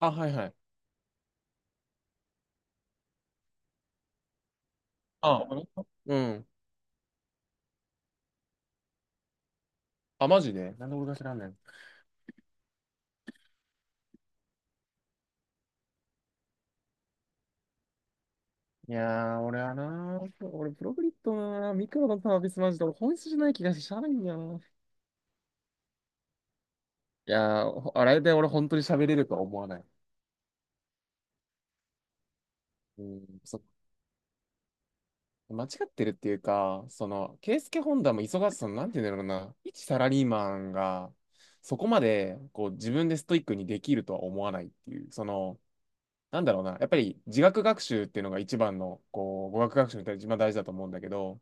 あ、はいはい。ああ、うん。あ、マジでなんで俺が知らんねん。いやー、俺はミクロのサービスマジで俺本質じゃない気がしてしゃあないんだよな。いやー、ほあれで俺本当に喋れるとは思わない。うん、そ、間違ってるっていうか、ケイスケ・ホンダも忙しさの、なんて言うんだろうな、一サラリーマンが、そこまで、こう、自分でストイックにできるとは思わないっていう、なんだろうな、やっぱり自学学習っていうのが一番の、こう、語学学習に対して一番大事だと思うんだけど、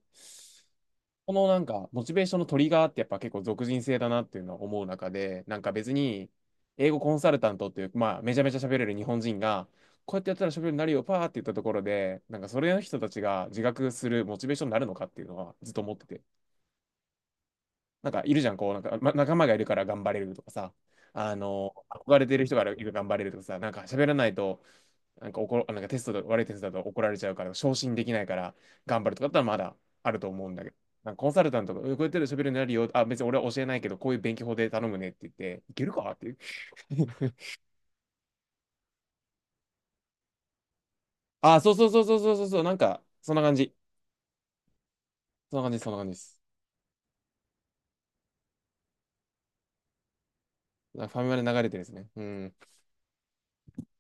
このなんか、モチベーションのトリガーってやっぱ結構俗人性だなっていうのは思う中で、なんか別に、英語コンサルタントっていう、まあ、めちゃめちゃ喋れる日本人が、こうやってやったら喋れるようになるよ、パーって言ったところで、なんかそれの人たちが自覚するモチベーションになるのかっていうのはずっと思ってて。なんかいるじゃん、こう、なんか、ま、仲間がいるから頑張れるとかさ、あの、憧れてる人がいるから頑張れるとかさ、なんか喋らないと、なんか怒ろ、なんかテストで悪いテストだと怒られちゃうから、昇進できないから頑張るとかだったらまだあると思うんだけど、なんかコンサルタントが、うんこうやってると喋るようになるよ、あ、別に俺は教えないけど、こういう勉強法で頼むねって言って、いけるかっていう。あ、そうそうそうそうそうそうそう、なんか、そんな感じ。そんな感じ、そんな感じです。なんかファミマで流れてですね。うん、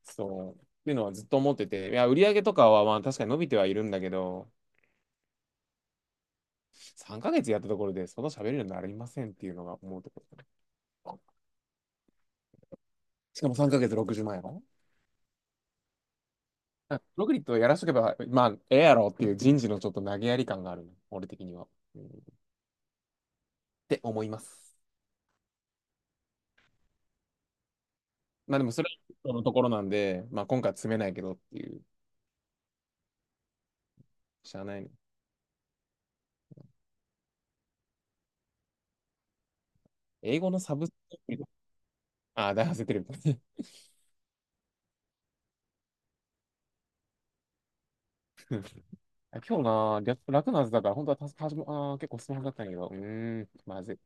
そう。っていうのはずっと思ってて、いや、売り上げとかはまあ確かに伸びてはいるんだけど、3ヶ月やったところで、その喋れるようになりませんっていうのが思うところ。しかも3ヶ月60万やろあロリットやらしとけば、まあ、ええやろっていう人事のちょっと投げやり感があるね俺的には。うん、って思います。まあでも、それはのところなんで、まあ今回は詰めないけどっていう、しゃあないね英語のサブスクリプト、ああ、大発生テレビ。今日な、略楽なはずだから、本当はたはじもあー結構スマホだったんだけど、うーん、まずい。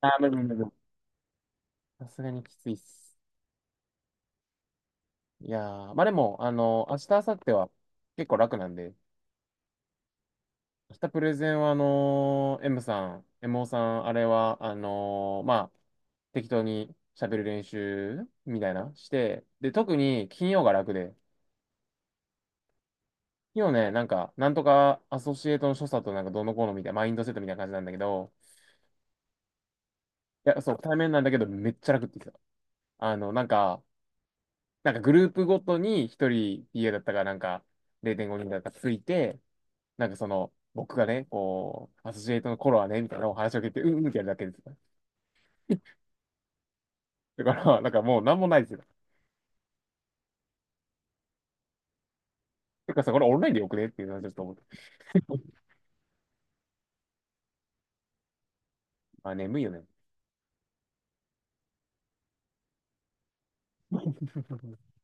あー、無理無理無理。さすがにきついっす。いやー、まあでも、あの、明日、明後日は結構楽なんで、明日プレゼンは、あのー M さん、MO さん、あれは、あのーまあ、適当に喋る練習みたいなして、で、特に金曜が楽で、金曜ね、なんか、なんとかアソシエイトの所作となんかどうのこうのみたいな、マインドセットみたいな感じなんだけど、いや、そう、対面なんだけど、めっちゃ楽って言ってた。あの、なんか、なんかグループごとに一人 PA だったかなんか、0.5人だったかついて、なんかその、僕がね、こう、アソシエイトの頃はね、みたいなお話を聞いて、うんうんってやるだけです。だから、なんかもうなんもないですよ。てかさ、これオンラインでよくねっていうのはちょっと思って。あ、眠いよね。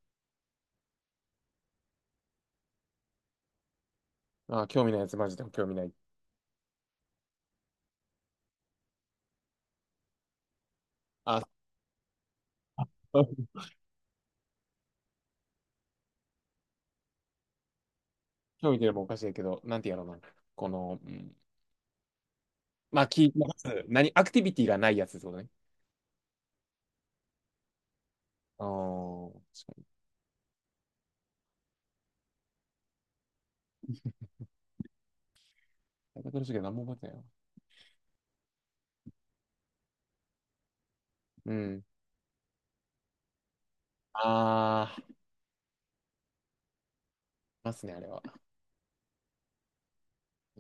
あ、興味ないやつマジで興味ない。あ、興味出ればおかしいけど、なんてやろうな。この、うん、まあ、聞いてます。何、アクティビティがないやつってことね。あー、確かに。タイトル主義は何も覚えてないわ。うん。あー、いますね、あれは。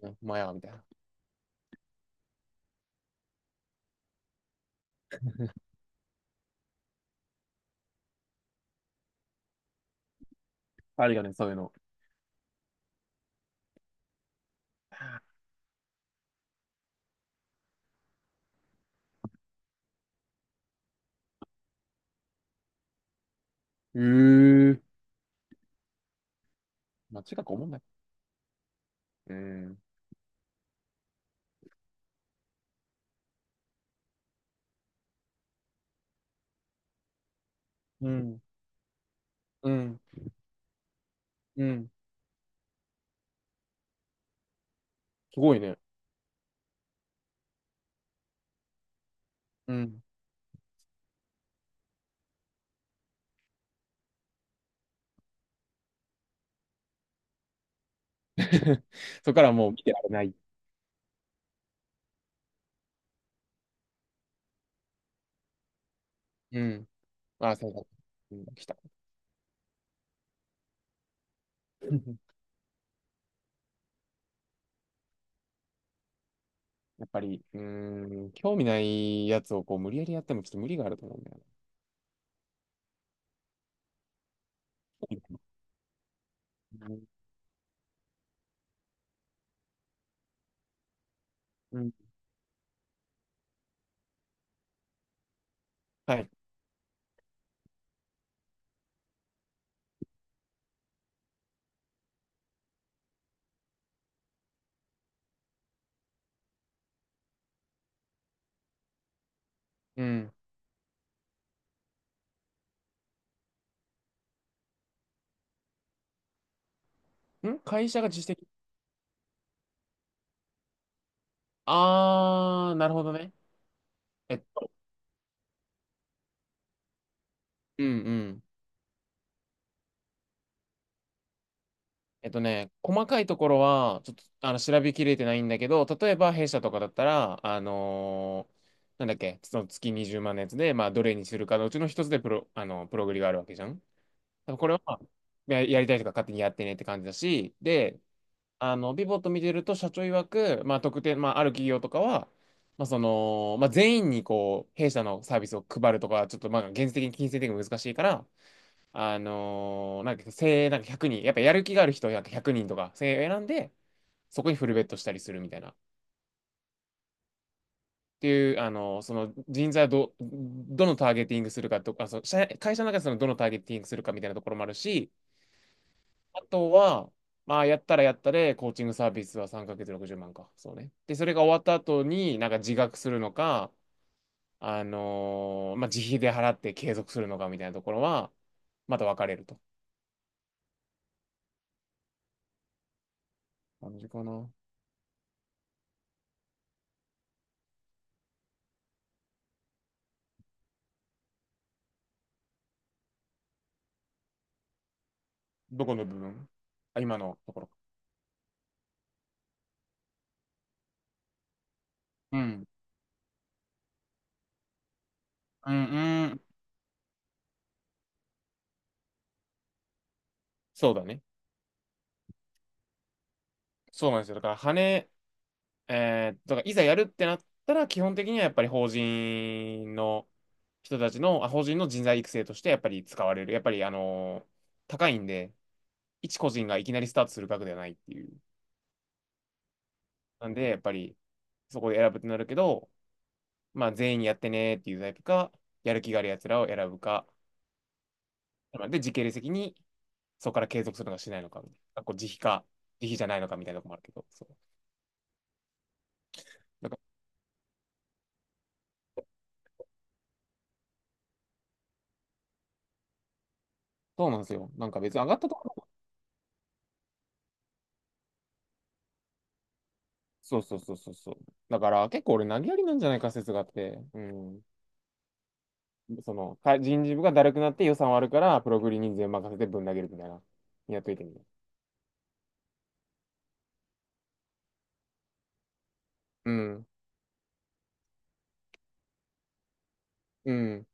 うん、まあや、みたいな。あるよね、そういうの。うー。まあ、近く思うんだけど。うん。うん、うん、うん。すごいね。うん。そこからもう見てられない。うん。あ、そうだ。うん、来た。やっぱり、うーん、興味ないやつをこう無理やりやってもちょっと無理があると思うんだよな。うん。はい。うん。ん会社が自主的。あー、なるほどね。えっと、うんうん。えっとね、細かいところは、ちょっと、あの、調べきれてないんだけど、例えば、弊社とかだったら、あのーなんだっけ、その月20万のやつで、まあ、どれにするかのうちの一つでプログリがあるわけじゃん。だからこれは、やりたいとか勝手にやってねって感じだし、で、あの、ビボット見てると、社長曰く、まあ、特定、まあ、ある企業とかは、まあ、その、まあ、全員に、こう、弊社のサービスを配るとか、ちょっと、まあ、現実的に金銭的に難しいから、あのーなんか精鋭なんか1人、やっぱやる気がある人はなんか100人とか、精鋭選んで、そこにフルベットしたりするみたいな。っていう、あのーその人材をどのターゲティングするかとか、そう会社の中でそのどのターゲティングするかみたいなところもあるし、あとは、まあ、やったらやったで、コーチングサービスは3ヶ月60万か。そうね。で、それが終わった後に、なんか自学するのか、あのーまあ、自費で払って継続するのかみたいなところは、また分かれると。感じかな。どこの部分あ、今のところ。うん。うん、うん。そうだね。そうなんですよ。だから、羽、えー、だからいざやるってなったら、基本的にはやっぱり法人の人たちの、あ、法人の人材育成としてやっぱり使われる。やっぱり、あのー高いんで、一個人がいきなりスタートする額ではないっていう。なんで、やっぱり、そこで選ぶってなるけど、まあ、全員やってねーっていうタイプか、やる気がある奴らを選ぶか。で、時系列的にそこから継続するのかしないのかみたいな、こう自費か、自費じゃないのかみたいなとこもあるけど、そう。だからそうなんですよ。なんか別に上がったところ、そうそうそうそうそう。だから結構俺投げやりなんじゃないか説があって、うん。その、人事部がだるくなって予算割るから、プログリに全任せてぶん投げるみたいな。やっといてみる。うん。うん。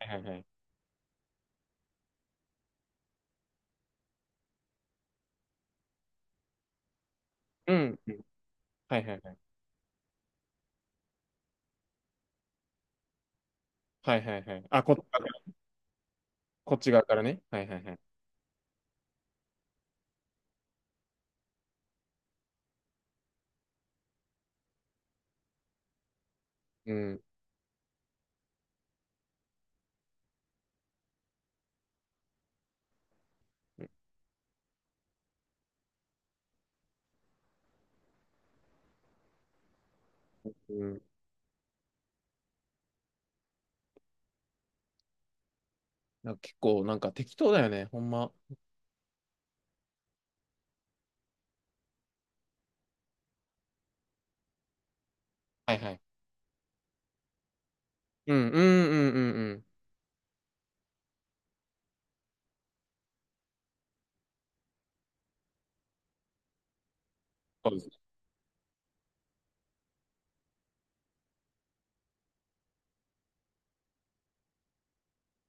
はいはいはい。うん。うんはいはいはい。はいはいはい。あ、こっち側から、こっち側からね。はいはいはい。うん。うん。なんか結構なんか適当だよね、ほんま。はいはい。うんうんうんうんうん。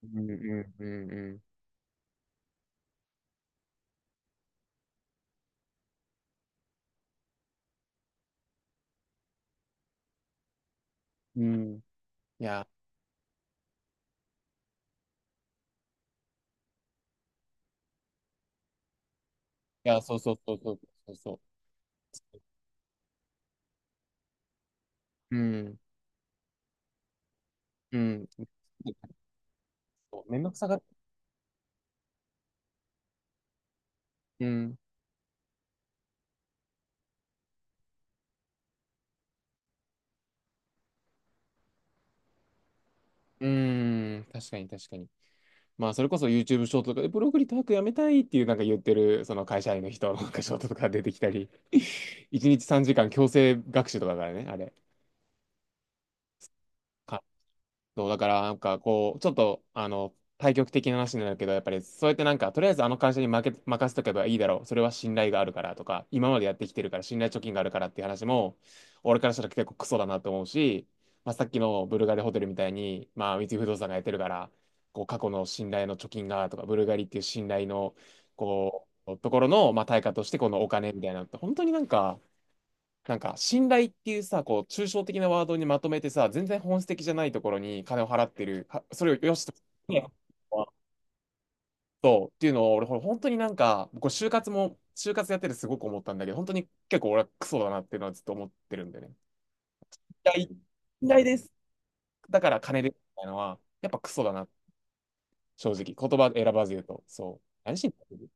うんうんうんうん。うん。いや、いや、そうそうそうそうそうそう。うん。うん。そう面倒くさがる。うん。うん。確かに確かに。まあ、それこそ YouTube ショートとかで、ブログリタークやめたいっていうなんか言ってる、その会社員の人のなんかショートとか出てきたり、1日3時間強制学習とかだからね、あれ。そう、だからなんかこう、ちょっと、あの、対極的な話になるけど、やっぱりそうやってなんか、とりあえずあの会社に任せとけばいいだろう。それは信頼があるからとか、今までやってきてるから信頼貯金があるからっていう話も、俺からしたら結構クソだなと思うし、まあ、さっきのブルガリホテルみたいに、まあ、三井不動産がやってるから、こう、過去の信頼の貯金がとか、ブルガリっていう信頼の、こう、ところの、まあ、対価としてこのお金みたいなのって、本当になんか、なんか、信頼っていうさ、こう、抽象的なワードにまとめてさ、全然本質的じゃないところに金を払ってる、はそれをよしと、ね、そうっていうのを、俺、ほら本当になんか、こう就活も、就活やっててすごく思ったんだけど、本当に結構俺はクソだなっていうのはずっと思ってるんだよね。信頼信頼です。だから金ですみたいなのは、やっぱクソだな、正直。言葉選ばず言うと。そう。何しに